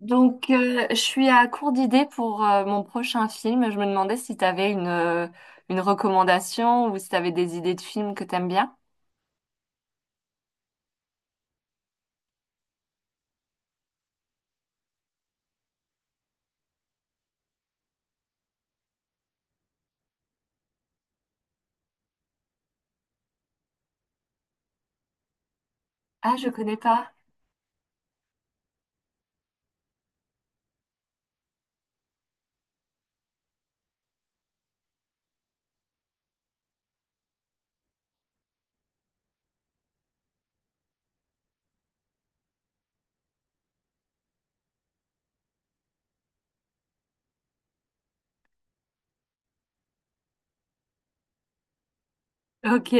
Je suis à court d'idées pour mon prochain film. Je me demandais si tu avais une recommandation ou si tu avais des idées de films que t'aimes bien. Ah, je connais pas. Ok.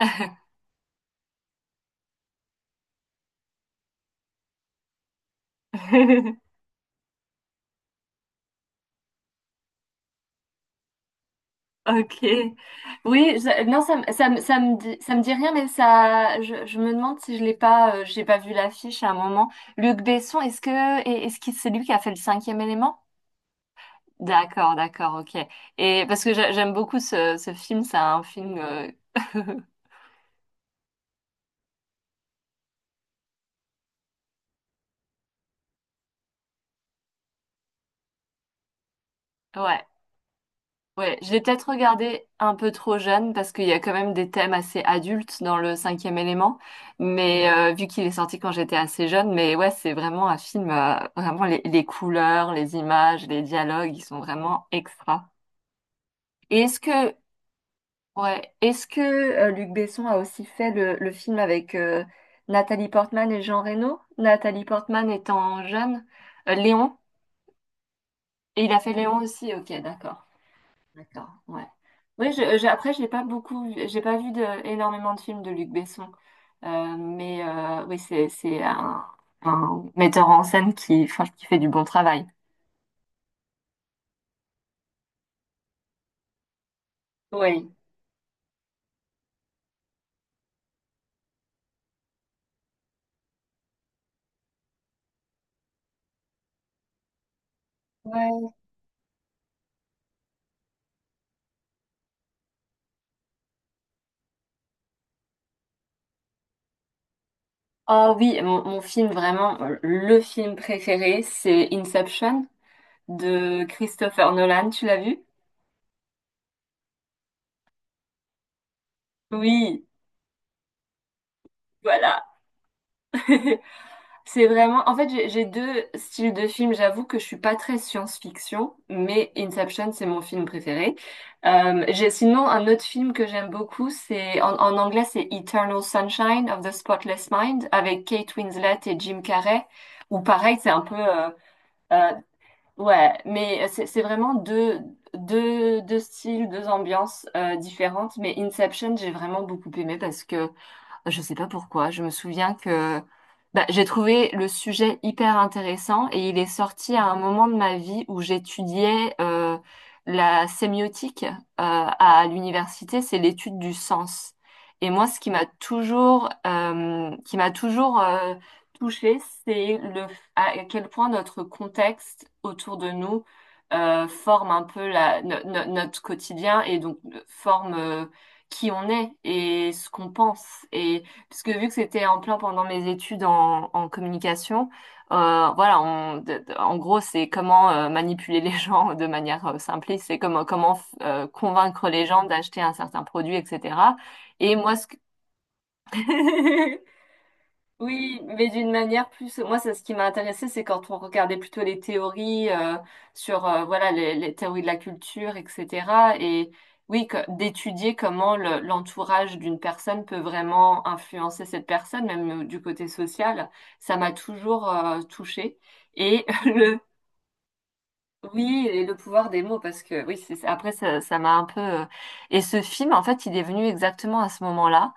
Ok. Ok. Oui, non, ça me dit rien, mais ça, je me demande si je l'ai pas, j'ai pas vu l'affiche à un moment. Luc Besson, est-ce que c'est lui qui a fait le cinquième élément? D'accord, d'accord, ok. Et parce que j'aime beaucoup ce film, c'est un film, ouais. Ouais, je l'ai peut-être regardé un peu trop jeune parce qu'il y a quand même des thèmes assez adultes dans le cinquième élément, mais vu qu'il est sorti quand j'étais assez jeune, mais ouais, c'est vraiment un film, vraiment les couleurs, les images, les dialogues, ils sont vraiment extra. Et ouais, est-ce que Luc Besson a aussi fait le film avec Nathalie Portman et Jean Reno? Nathalie Portman étant jeune. Léon, et il a fait Léon aussi, ok, d'accord. D'accord, ouais. Oui, après, j'ai pas beaucoup, j'ai pas vu de, énormément de films de Luc Besson. Mais oui, c'est un metteur en scène qui, enfin, qui fait du bon travail. Oui. Ouais. Oh oui, mon film vraiment, le film préféré, c'est Inception de Christopher Nolan. Tu l'as vu? Oui, voilà. C'est vraiment, en fait, j'ai deux styles de films. J'avoue que je suis pas très science-fiction, mais Inception, c'est mon film préféré. J'ai sinon un autre film que j'aime beaucoup, c'est en anglais, c'est Eternal Sunshine of the Spotless Mind avec Kate Winslet et Jim Carrey. Ou pareil, c'est un peu, euh, ouais, mais c'est vraiment deux styles, deux ambiances différentes. Mais Inception, j'ai vraiment beaucoup aimé parce que je sais pas pourquoi. Je me souviens que bah, j'ai trouvé le sujet hyper intéressant et il est sorti à un moment de ma vie où j'étudiais la sémiotique à l'université, c'est l'étude du sens. Et moi, ce qui m'a toujours touchée, c'est le à quel point notre contexte autour de nous forme un peu la, no- no- notre quotidien et donc forme qui on est et ce qu'on pense. Et parce que vu que c'était en plein pendant mes études en communication, voilà, en gros, c'est comment manipuler les gens de manière simpliste, c'est comment convaincre les gens d'acheter un certain produit, etc. Et moi, ce que... Oui, mais d'une manière plus. Moi, c'est ce qui m'a intéressé, c'est quand on regardait plutôt les théories sur voilà les théories de la culture, etc. Et oui, d'étudier comment l'entourage d'une personne peut vraiment influencer cette personne, même du côté social, ça m'a toujours touchée. Et le oui, et le pouvoir des mots, parce que oui, c'est après ça, ça m'a un peu. Et ce film, en fait, il est venu exactement à ce moment-là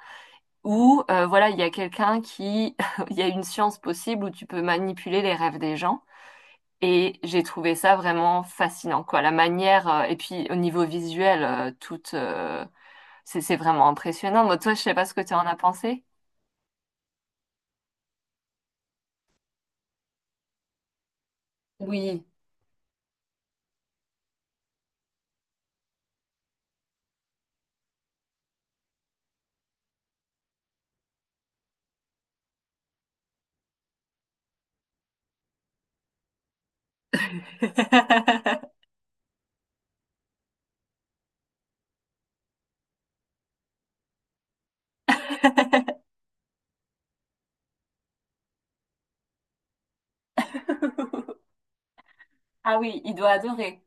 où voilà, il y a quelqu'un qui, il y a une science possible où tu peux manipuler les rêves des gens. Et j'ai trouvé ça vraiment fascinant, quoi. La manière, et puis au niveau visuel, toute, c'est vraiment impressionnant. Moi, toi, je sais pas ce que tu en as pensé. Oui. Ah oui, il doit adorer.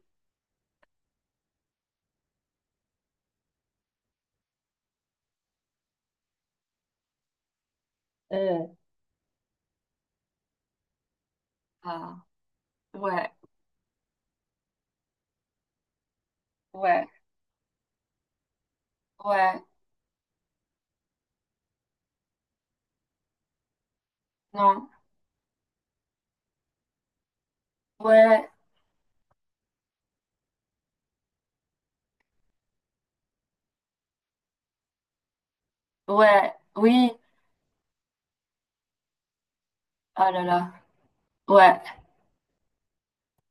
Euh, Ah, ouais, ouais, ouais, non, ouais, ouais, oui, oh là là, ouais.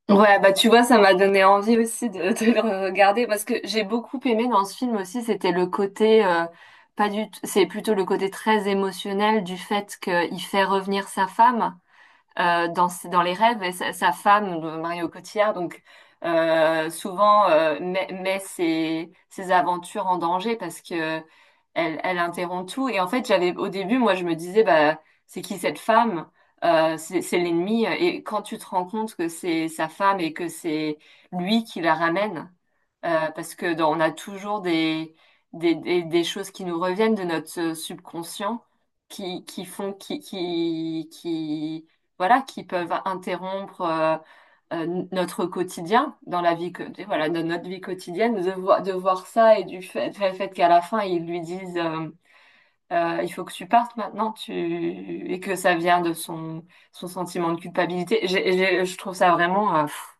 Ouais, bah tu vois, ça m'a donné envie aussi de le regarder parce que j'ai beaucoup aimé dans ce film aussi, c'était le côté pas du, t- c'est plutôt le côté très émotionnel du fait qu'il fait revenir sa femme dans les rêves, et sa femme, Mario Cotillard, donc souvent met ses aventures en danger parce que elle interrompt tout. Et en fait, j'avais au début, moi, je me disais, bah, c'est qui cette femme? C'est l'ennemi. Et quand tu te rends compte que c'est sa femme et que c'est lui qui la ramène, parce que on a toujours des choses qui nous reviennent de notre subconscient, qui font, voilà, qui peuvent interrompre notre quotidien dans la vie, voilà, dans notre vie quotidienne, de voir ça et du fait, fait qu'à la fin, ils lui disent il faut que tu partes maintenant, tu... et que ça vient de son sentiment de culpabilité. Je trouve ça vraiment,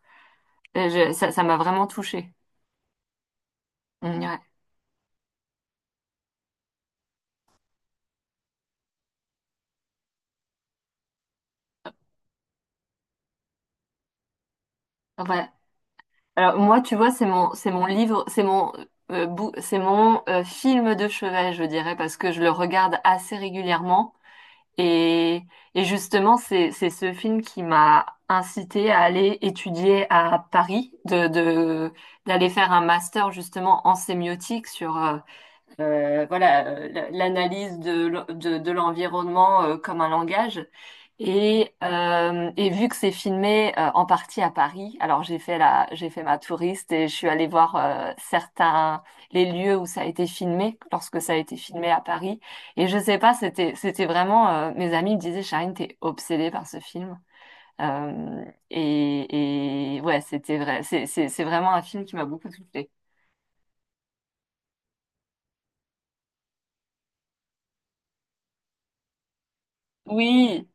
ça m'a vraiment touchée. Mm. Ouais. Ouais. Alors moi, tu vois, c'est mon livre, c'est mon film de chevet, je dirais, parce que je le regarde assez régulièrement. Et, et justement, c'est ce film qui m'a incité à aller étudier à Paris, d'aller faire un master justement en sémiotique sur voilà l'analyse de, l'environnement comme un langage. Et vu que c'est filmé en partie à Paris, alors j'ai fait ma touriste et je suis allée voir certains les lieux où ça a été filmé lorsque ça a été filmé à Paris. Et je sais pas, c'était vraiment mes amis me disaient, Charine, t'es obsédée par ce film. Euh, et ouais, c'était vrai. C'est vraiment un film qui m'a beaucoup touchée. Oui,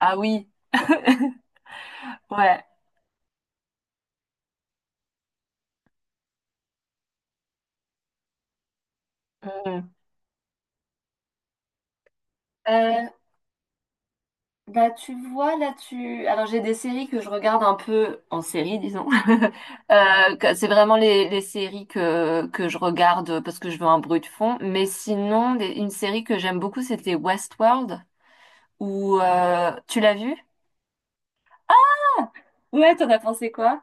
ah oui, ouais. Mm. Euh, Bah tu vois, là tu alors j'ai des séries que je regarde un peu en série, disons, c'est vraiment les séries que je regarde parce que je veux un bruit de fond. Mais sinon une série que j'aime beaucoup, c'était Westworld. Ou Tu l'as vue? Ouais, t'en as pensé quoi?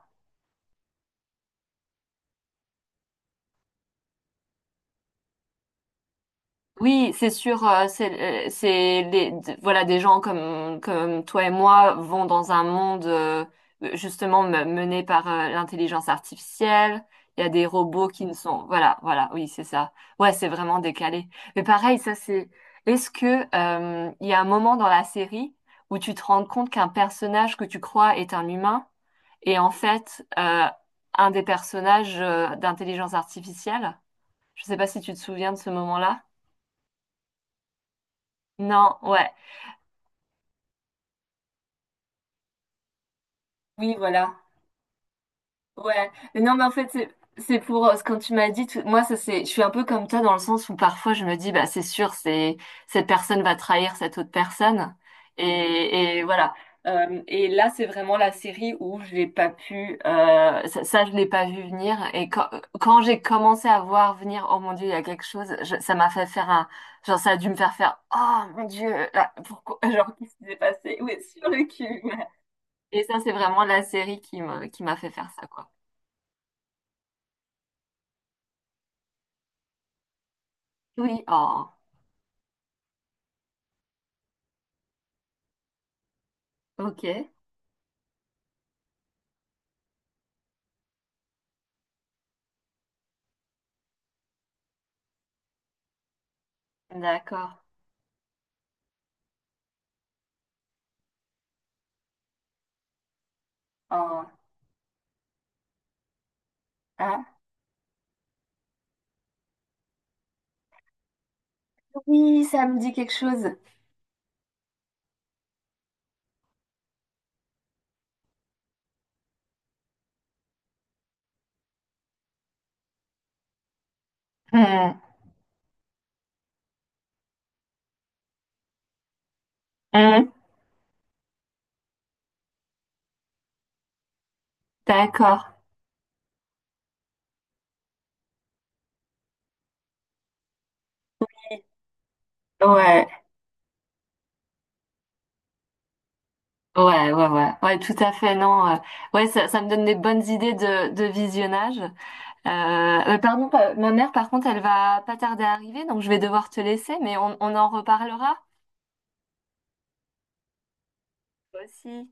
Oui, c'est sûr, voilà des gens comme toi et moi vont dans un monde justement mené par l'intelligence artificielle. Il y a des robots qui ne sont, voilà voilà, oui c'est ça, ouais, c'est vraiment décalé. Mais pareil, ça c'est est-ce que il y a un moment dans la série où tu te rends compte qu'un personnage que tu crois est un humain et en fait un des personnages d'intelligence artificielle? Je sais pas si tu te souviens de ce moment-là. Non, ouais. Oui, voilà. Ouais. Mais non, mais en fait, c'est pour ce que tu m'as dit. Moi, je suis un peu comme toi dans le sens où parfois je me dis, bah c'est sûr, c'est cette personne va trahir cette autre personne. Et voilà. Et là, c'est vraiment la série où je l'ai pas pu, je l'ai pas vu venir. Et quand j'ai commencé à voir venir, oh mon Dieu, il y a quelque chose, ça m'a fait faire genre, ça a dû me faire faire, oh mon Dieu, là, pourquoi, genre, qu'est-ce qui s'est passé? Oui, sur le cul. Et ça, c'est vraiment la série qui m'a fait faire ça, quoi. Oui, oh, ok, d'accord. Oh, ah, oui, ça me dit quelque chose. Hmm, hmm, d'accord. Ouais, ouais, ouais, ouais, ouais, tout à fait, non. Ouais, ça me donne des bonnes idées de visionnage. Euh, Pardon, ma mère, par contre, elle va pas tarder à arriver, donc je vais devoir te laisser. Mais on en reparlera. Toi aussi.